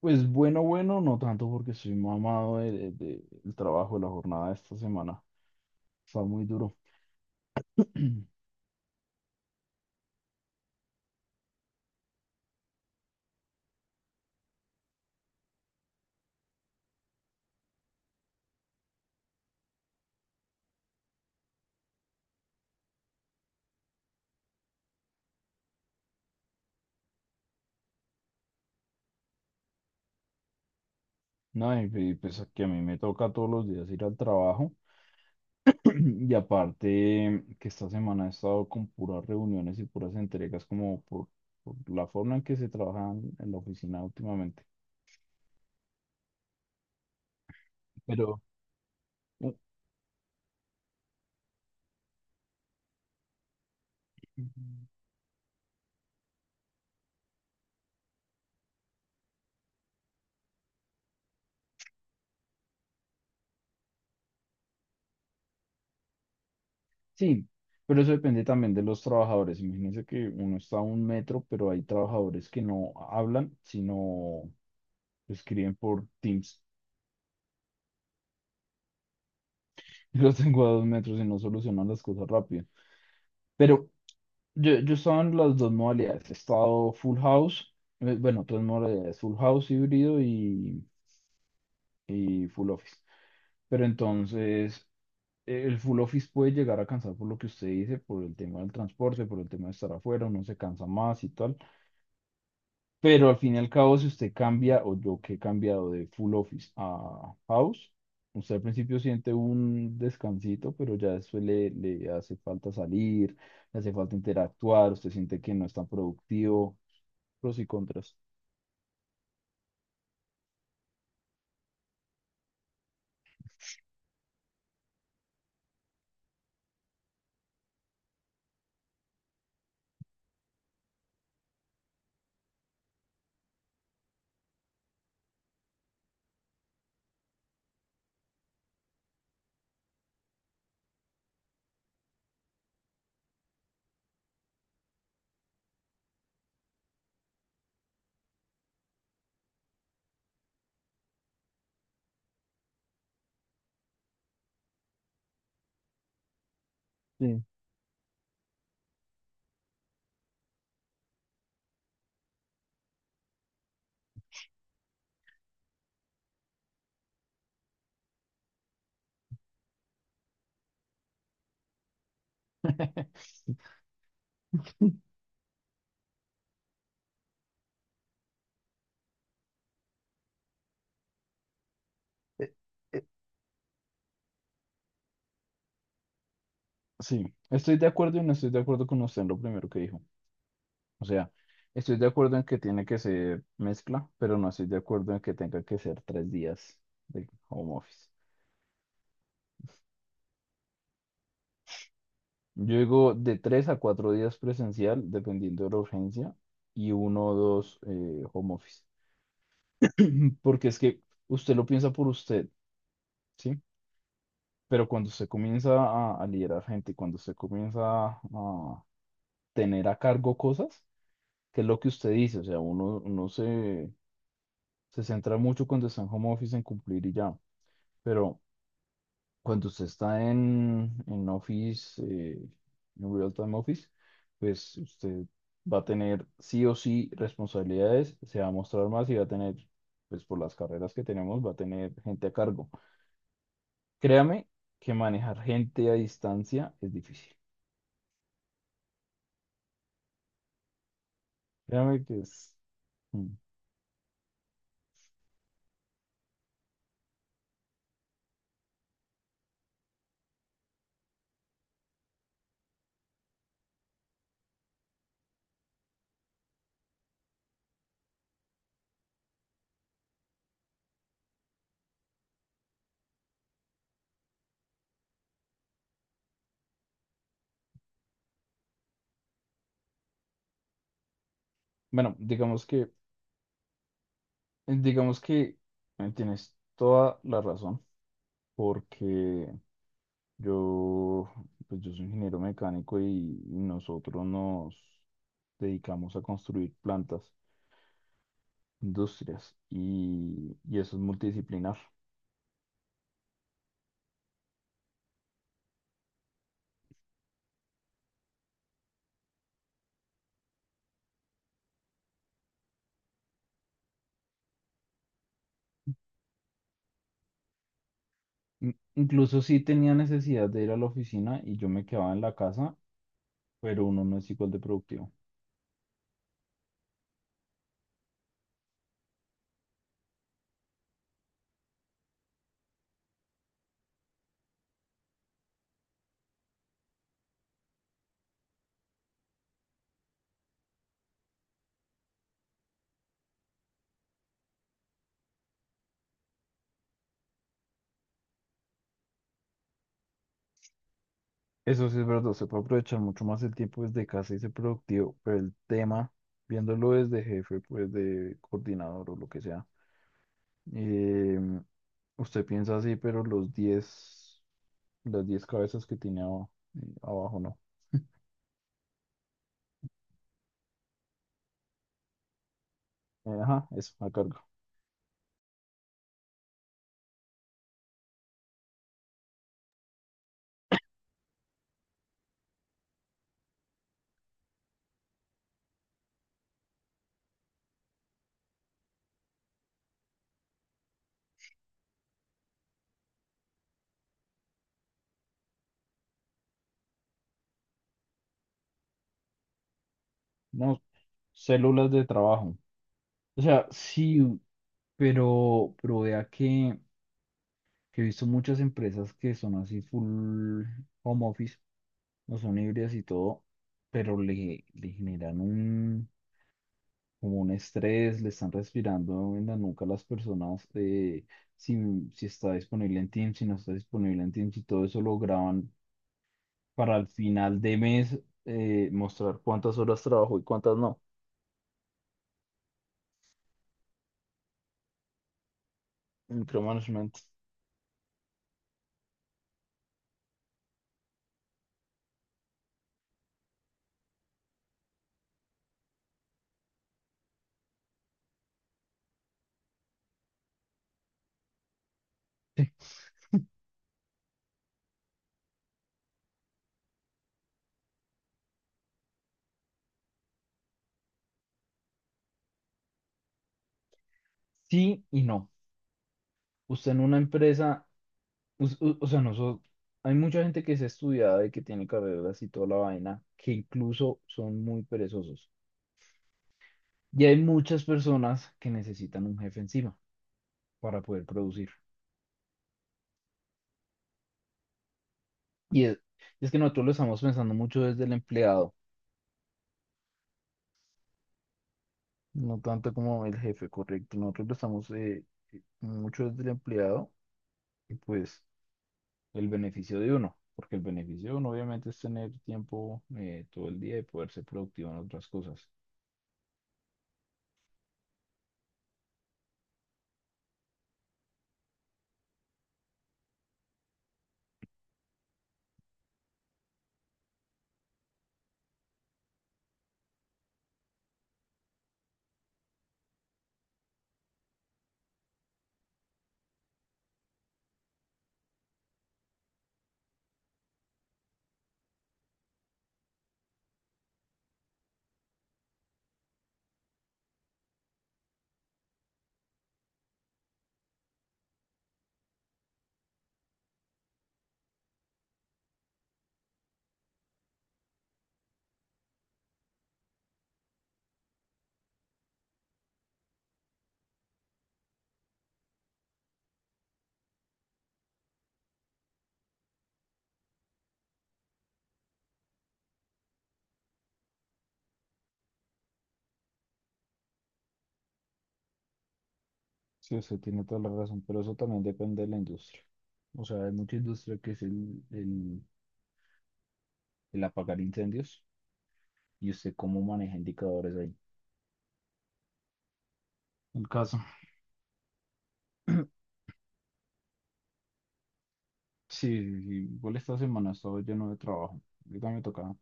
Pues bueno, bueno, no tanto porque soy mamado del trabajo, de la jornada de esta semana. Está muy duro. No, y pues que a mí me toca todos los días ir al trabajo. Y aparte que esta semana he estado con puras reuniones y puras entregas como por la forma en que se trabaja en la oficina últimamente. Pero u- sí, pero eso depende también de los trabajadores. Imagínense que uno está a 1 metro, pero hay trabajadores que no hablan, sino escriben por Teams. Yo los tengo a 2 metros y no solucionan las cosas rápido. Pero yo estaba en las dos modalidades. He estado full house, bueno, tres modalidades, full house híbrido y full office. Pero entonces, el full office puede llegar a cansar por lo que usted dice, por el tema del transporte, por el tema de estar afuera, uno se cansa más y tal. Pero al fin y al cabo, si usted cambia, o yo que he cambiado de full office a house, usted al principio siente un descansito, pero ya después le hace falta salir, le hace falta interactuar, usted siente que no es tan productivo, pros y contras. Sí. Eh, eh, Sí, estoy de acuerdo y no estoy de acuerdo con usted en lo primero que dijo. O sea, estoy de acuerdo en que tiene que ser mezcla, pero no estoy de acuerdo en que tenga que ser 3 días de home office. Yo digo de 3 a 4 días presencial, dependiendo de la urgencia, y uno o dos home office. Porque es que usted lo piensa por usted, ¿sí? Pero cuando usted comienza a liderar gente, cuando usted comienza a tener a cargo cosas, que es lo que usted dice, o sea, uno se centra mucho cuando está en home office en cumplir y ya, pero cuando usted está en Office, en Real Time Office, pues usted va a tener sí o sí responsabilidades, se va a mostrar más y va a tener, pues por las carreras que tenemos, va a tener gente a cargo. Créame que manejar gente a distancia es difícil. Créame que es. Mm. Bueno, digamos que tienes toda la razón, porque yo, pues yo soy ingeniero mecánico y nosotros nos dedicamos a construir plantas, industrias y eso es multidisciplinar. Incluso sí tenía necesidad de ir a la oficina y yo me quedaba en la casa, pero uno no es igual de productivo. Eso sí es verdad, se puede aprovechar mucho más el tiempo desde casa y ser productivo, pero el tema, viéndolo desde jefe, pues de coordinador o lo que sea, eh, usted piensa así, pero los 10 Las 10 cabezas que tiene abajo, ¿no? Ajá, eso, la carga. No, células de trabajo. O sea, sí, pero vea que he visto muchas empresas que son así full home office, no son híbridas y todo, pero le generan como un estrés, le están respirando en la nuca a las personas, si, si está disponible en Teams, si no está disponible en Teams y todo eso lo graban para al final de mes mostrar cuántas horas trabajo y cuántas no. Micromanagement. Sí Sí y no. Usted en una empresa, o sea, nosotros, hay mucha gente que es estudiada y que tiene carreras y toda la vaina, que incluso son muy perezosos. Y hay muchas personas que necesitan un jefe encima para poder producir. Y es que nosotros lo estamos pensando mucho desde el empleado, no tanto como el jefe, correcto. Nosotros lo estamos mucho desde el empleado y pues... el beneficio de uno, porque el beneficio de uno obviamente es tener tiempo todo el día y poder ser productivo en otras cosas. Sí, usted tiene toda la razón, pero eso también depende de la industria. O sea, hay mucha industria que es el apagar incendios y usted cómo maneja indicadores ahí. El caso. Sí, sí, sí, igual esta semana estaba lleno de trabajo. Yo también me tocaba.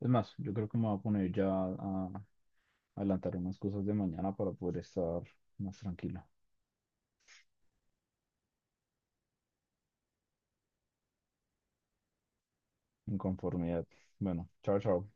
Es más, yo creo que me voy a poner ya a adelantar unas cosas de mañana para poder estar más tranquilo, en conformidad. Bueno, chao, chao.